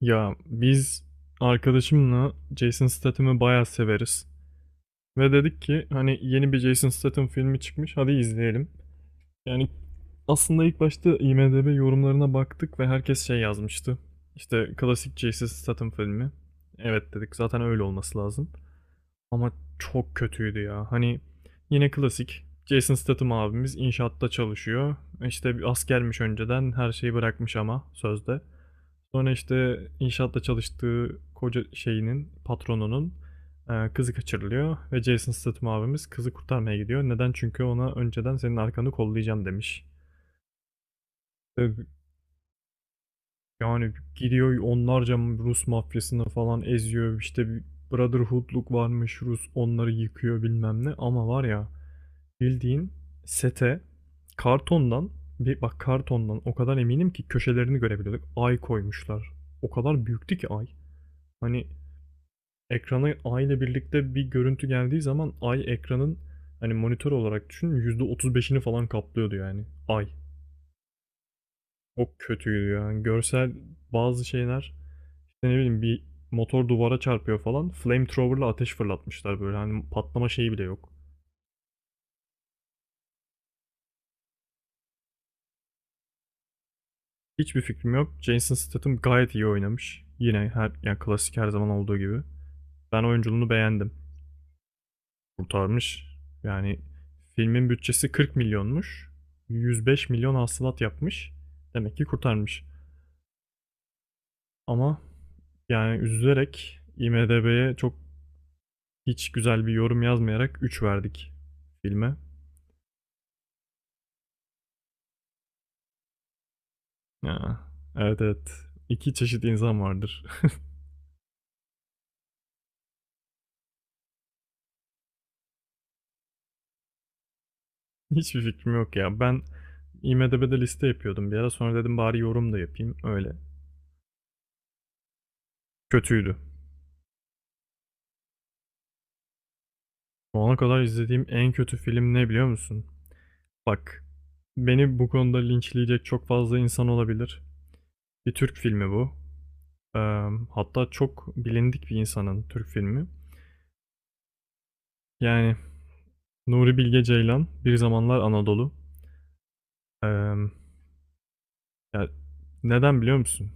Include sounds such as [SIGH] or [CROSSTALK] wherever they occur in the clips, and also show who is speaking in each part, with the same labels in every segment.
Speaker 1: Ya biz arkadaşımla Jason Statham'ı bayağı severiz. Ve dedik ki hani yeni bir Jason Statham filmi çıkmış hadi izleyelim. Yani aslında ilk başta IMDb yorumlarına baktık ve herkes şey yazmıştı. İşte klasik Jason Statham filmi. Evet dedik zaten öyle olması lazım. Ama çok kötüydü ya. Hani yine klasik Jason Statham abimiz inşaatta çalışıyor. İşte bir askermiş önceden her şeyi bırakmış ama sözde. Sonra işte inşaatta çalıştığı koca şeyinin, patronunun kızı kaçırılıyor ve Jason Statham abimiz kızı kurtarmaya gidiyor. Neden? Çünkü ona önceden senin arkanı kollayacağım demiş. Ve Yani gidiyor onlarca Rus mafyasını falan eziyor. İşte bir Brotherhood'luk varmış Rus onları yıkıyor bilmem ne. Ama var ya bildiğin sete kartondan bir bak kartondan o kadar eminim ki köşelerini görebiliyorduk. Ay koymuşlar. O kadar büyüktü ki ay. Hani ekrana ay ile birlikte bir görüntü geldiği zaman ay ekranın hani monitör olarak düşün %35'ini falan kaplıyordu yani ay. O kötüydü yani. Görsel bazı şeyler işte ne bileyim bir motor duvara çarpıyor falan. Flamethrower'la ateş fırlatmışlar böyle hani patlama şeyi bile yok. Hiçbir fikrim yok. Jason Statham gayet iyi oynamış. Yine her yani klasik her zaman olduğu gibi. Ben oyunculuğunu beğendim. Kurtarmış. Yani filmin bütçesi 40 milyonmuş. 105 milyon hasılat yapmış. Demek ki kurtarmış. Ama yani üzülerek IMDb'ye çok hiç güzel bir yorum yazmayarak 3 verdik filme. Ya, evet evet. İki çeşit insan vardır. [LAUGHS] Hiçbir fikrim yok ya. Ben IMDb'de liste yapıyordum bir ara. Sonra dedim bari yorum da yapayım. Öyle. Kötüydü. Şu ana kadar izlediğim en kötü film ne biliyor musun? Bak, beni bu konuda linçleyecek çok fazla insan olabilir. Bir Türk filmi bu. Hatta çok bilindik bir insanın Türk filmi. Yani Nuri Bilge Ceylan, Bir Zamanlar Anadolu. Ee, ya neden biliyor musun?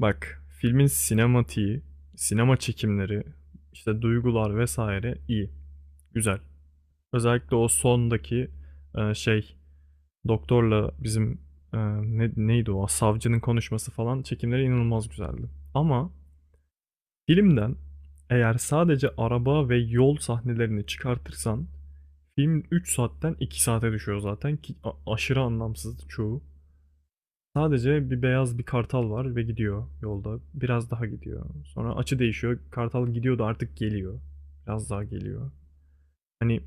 Speaker 1: Bak, filmin sinematiği, sinema çekimleri, işte duygular vesaire iyi, güzel. Özellikle o sondaki şey, doktorla bizim ne, neydi o, savcının konuşması falan çekimleri inanılmaz güzeldi. Ama filmden eğer sadece araba ve yol sahnelerini çıkartırsan film 3 saatten 2 saate düşüyor zaten ki aşırı anlamsız çoğu. Sadece bir beyaz bir kartal var ve gidiyor yolda. Biraz daha gidiyor. Sonra açı değişiyor. Kartal gidiyordu artık geliyor. Biraz daha geliyor. Hani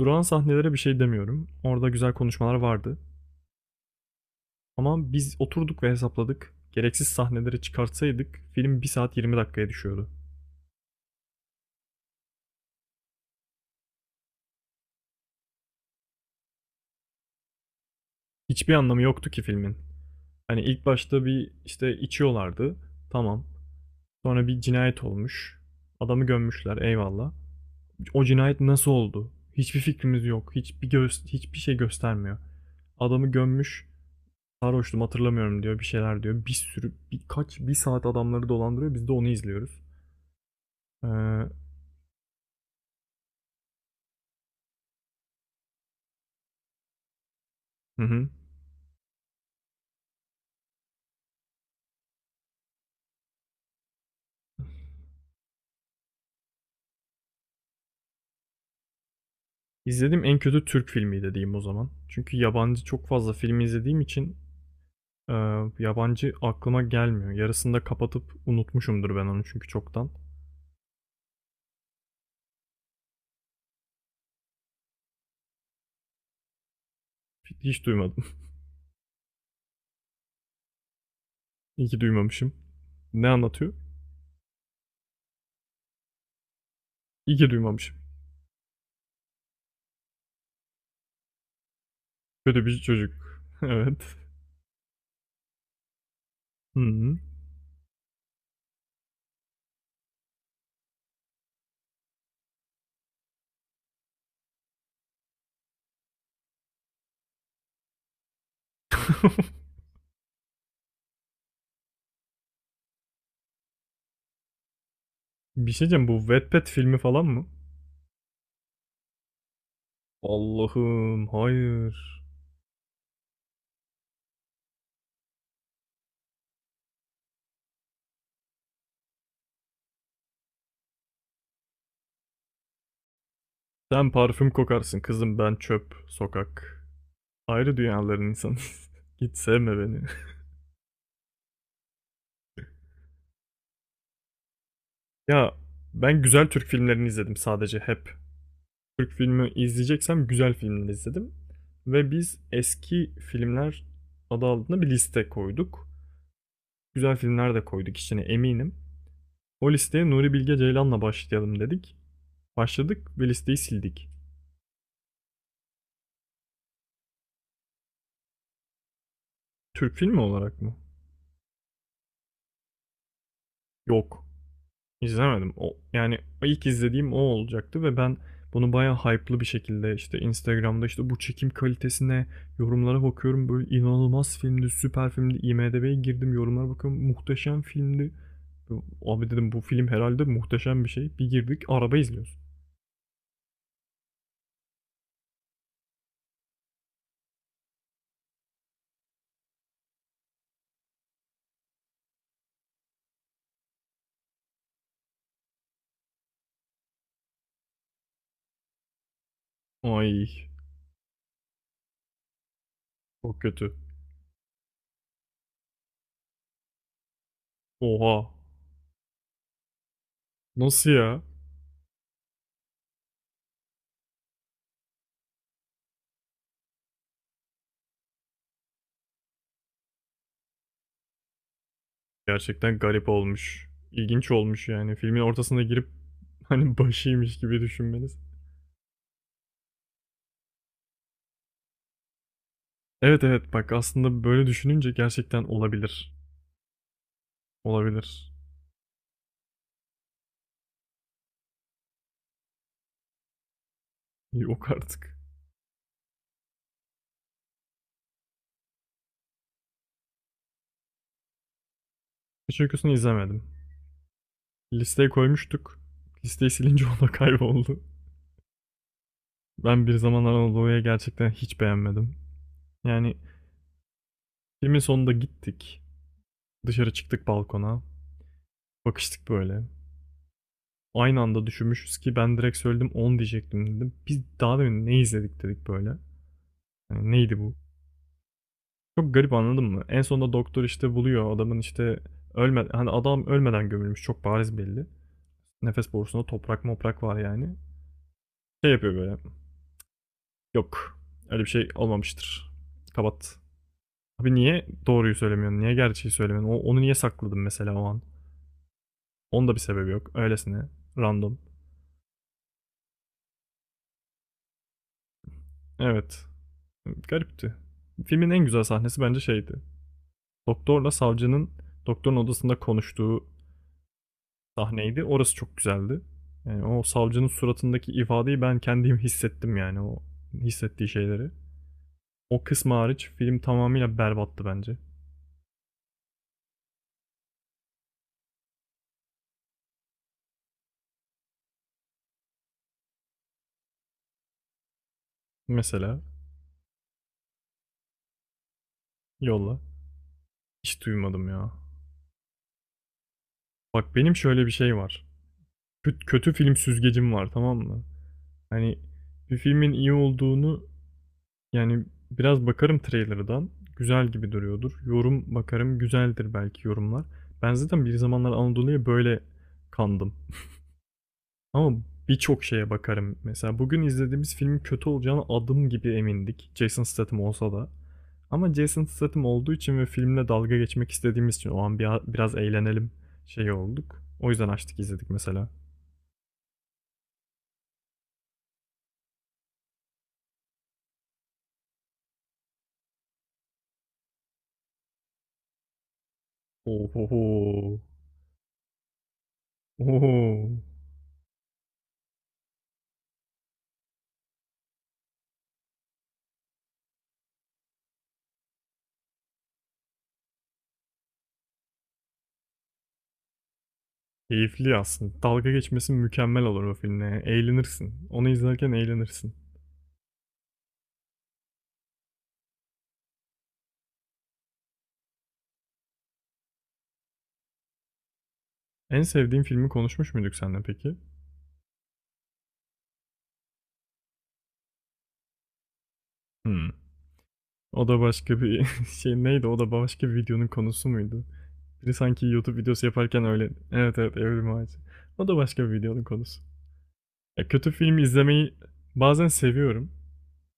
Speaker 1: duran sahnelere bir şey demiyorum. Orada güzel konuşmalar vardı. Ama biz oturduk ve hesapladık. Gereksiz sahneleri çıkartsaydık film 1 saat 20 dakikaya düşüyordu. Hiçbir anlamı yoktu ki filmin. Hani ilk başta bir işte içiyorlardı. Tamam. Sonra bir cinayet olmuş. Adamı gömmüşler. Eyvallah. O cinayet nasıl oldu? Hiçbir fikrimiz yok. Hiçbir göz, hiçbir şey göstermiyor. Adamı gömmüş. Sarhoştum hatırlamıyorum diyor. Bir şeyler diyor. Bir sürü birkaç bir saat adamları dolandırıyor. Biz de onu izliyoruz. Ee, hı hı. İzlediğim en kötü Türk filmiydi diyeyim o zaman. Çünkü yabancı çok fazla film izlediğim için e, yabancı aklıma gelmiyor. Yarısında kapatıp unutmuşumdur ben onu çünkü çoktan. Hiç duymadım. [LAUGHS] İyi ki duymamışım. Ne anlatıyor? İyi ki duymamışım. Kötü bir çocuk. [LAUGHS] Evet. Hı hı. [LAUGHS] Bir şey diyeceğim, bu Wattpad filmi falan mı? Allah'ım hayır. Sen parfüm kokarsın kızım, ben çöp, sokak. Ayrı dünyaların insanıyız. [LAUGHS] Git sevme beni. [LAUGHS] Ya, ben güzel Türk filmlerini izledim sadece hep. Türk filmi izleyeceksem güzel filmleri izledim. Ve biz eski filmler adı altında bir liste koyduk. Güzel filmler de koyduk içine eminim. O listeye Nuri Bilge Ceylan'la başlayalım dedik. Başladık ve listeyi sildik. Türk filmi olarak mı? Yok. İzlemedim. O, yani ilk izlediğim o olacaktı ve ben bunu bayağı hype'lı bir şekilde işte Instagram'da işte bu çekim kalitesine yorumlara bakıyorum. Böyle inanılmaz filmdi, süper filmdi. IMDb'ye girdim yorumlara bakıyorum. Muhteşem filmdi. Abi dedim bu film herhalde muhteşem bir şey. Bir girdik araba izliyoruz. Ay çok kötü. Oha. Nasıl ya? Gerçekten garip olmuş. İlginç olmuş yani. Filmin ortasına girip [LAUGHS] hani başıymış gibi düşünmeniz. Evet evet bak aslında böyle düşününce gerçekten olabilir. Olabilir. Yok artık. Hiç uykusunu izlemedim. Listeye koymuştuk. Listeyi silince [LAUGHS] o da kayboldu. Ben bir zamanlar Anadolu'ya gerçekten hiç beğenmedim. Yani filmin sonunda gittik. Dışarı çıktık balkona. Bakıştık böyle. Aynı anda düşünmüşüz ki ben direkt söyledim 10 diyecektim dedim. Biz daha demin ne izledik dedik böyle. Yani neydi bu? Çok garip anladın mı? En sonunda doktor işte buluyor adamın işte ölme hani adam ölmeden gömülmüş çok bariz belli. Nefes borusunda toprak moprak var yani. Şey yapıyor böyle. Yok. Öyle bir şey olmamıştır. Kapat. Abi niye doğruyu söylemiyorsun? Niye gerçeği söylemiyorsun? Onu niye sakladın mesela o an? Onun da bir sebebi yok. Öylesine. Random. Evet. Garipti. Filmin en güzel sahnesi bence şeydi. Doktorla savcının doktorun odasında konuştuğu sahneydi. Orası çok güzeldi. Yani o savcının suratındaki ifadeyi ben kendim hissettim yani o hissettiği şeyleri. O kısmı hariç film tamamıyla berbattı bence. Mesela yolla. Hiç duymadım ya. Bak benim şöyle bir şey var. Kötü, kötü film süzgecim var tamam mı? Hani bir filmin iyi olduğunu yani biraz bakarım trailer'dan. Güzel gibi duruyordur. Yorum bakarım güzeldir belki yorumlar. Ben zaten bir zamanlar Anadolu'ya böyle kandım. Ama birçok şeye bakarım. Mesela bugün izlediğimiz filmin kötü olacağına adım gibi emindik. Jason Statham olsa da. Ama Jason Statham olduğu için ve filmle dalga geçmek istediğimiz için o an biraz eğlenelim şey olduk. O yüzden açtık izledik mesela. Ohoho. Oho. Keyifli aslında. Dalga geçmesi mükemmel olur o filmle. Eğlenirsin. Onu izlerken eğlenirsin. En sevdiğin filmi konuşmuş muyduk seninle peki? Hmm. O da başka bir [LAUGHS] şey neydi? O da başka bir videonun konusu muydu? Biri sanki YouTube videosu yaparken öyle. Evet evet evrim ağacı. O da başka bir videonun konusu. Ya kötü film izlemeyi bazen seviyorum.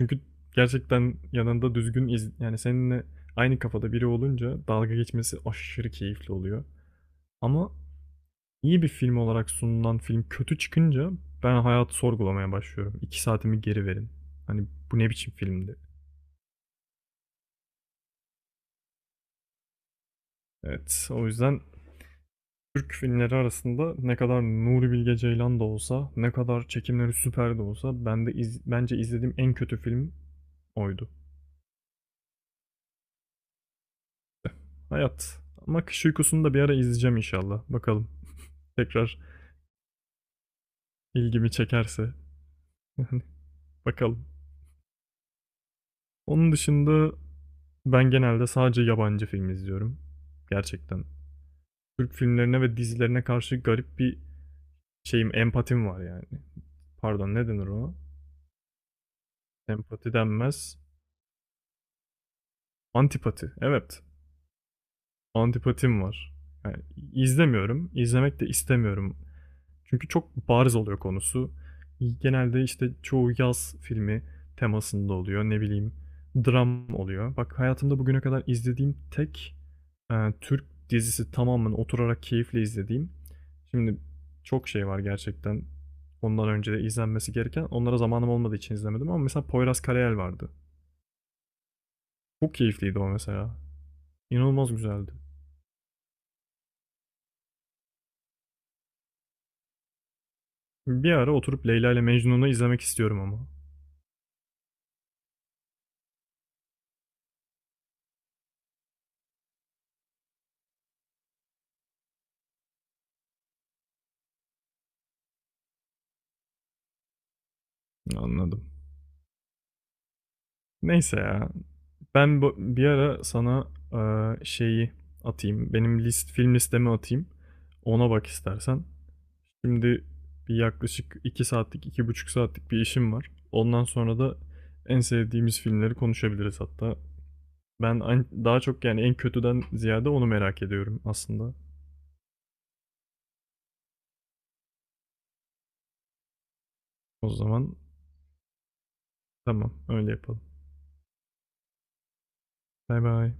Speaker 1: Çünkü gerçekten yanında düzgün iz yani seninle aynı kafada biri olunca dalga geçmesi aşırı keyifli oluyor. Ama iyi bir film olarak sunulan film kötü çıkınca ben hayatı sorgulamaya başlıyorum. 2 saatimi geri verin. Hani bu ne biçim filmdi? Evet o yüzden Türk filmleri arasında ne kadar Nuri Bilge Ceylan da olsa, ne kadar çekimleri süper de olsa ben de bence izlediğim en kötü film oydu. Hayat. Ama Kış Uykusu'nu da bir ara izleyeceğim inşallah. Bakalım. Tekrar ilgimi çekerse. [LAUGHS] Bakalım. Onun dışında ben genelde sadece yabancı film izliyorum. Gerçekten. Türk filmlerine ve dizilerine karşı garip bir şeyim, empatim var yani. Pardon ne denir ona? Empati denmez. Antipati. Evet. Antipatim var. Yani izlemiyorum, izlemek de istemiyorum. Çünkü çok bariz oluyor konusu. Genelde işte çoğu yaz filmi temasında oluyor. Ne bileyim, dram oluyor. Bak hayatımda bugüne kadar izlediğim tek Türk dizisi tamamen oturarak keyifle izlediğim. Şimdi çok şey var gerçekten. Ondan önce de izlenmesi gereken. Onlara zamanım olmadığı için izlemedim ama mesela Poyraz Karayel vardı. Çok keyifliydi o mesela. İnanılmaz güzeldi. Bir ara oturup Leyla ile Mecnun'u izlemek istiyorum ama. Anladım. Neyse ya. Ben bu, bir ara sana şeyi atayım. Benim film listemi atayım. Ona bak istersen. Şimdi bir yaklaşık 2 saatlik, 2,5 saatlik bir işim var. Ondan sonra da en sevdiğimiz filmleri konuşabiliriz hatta. Ben daha çok yani en kötüden ziyade onu merak ediyorum aslında. O zaman tamam öyle yapalım. Bay bay.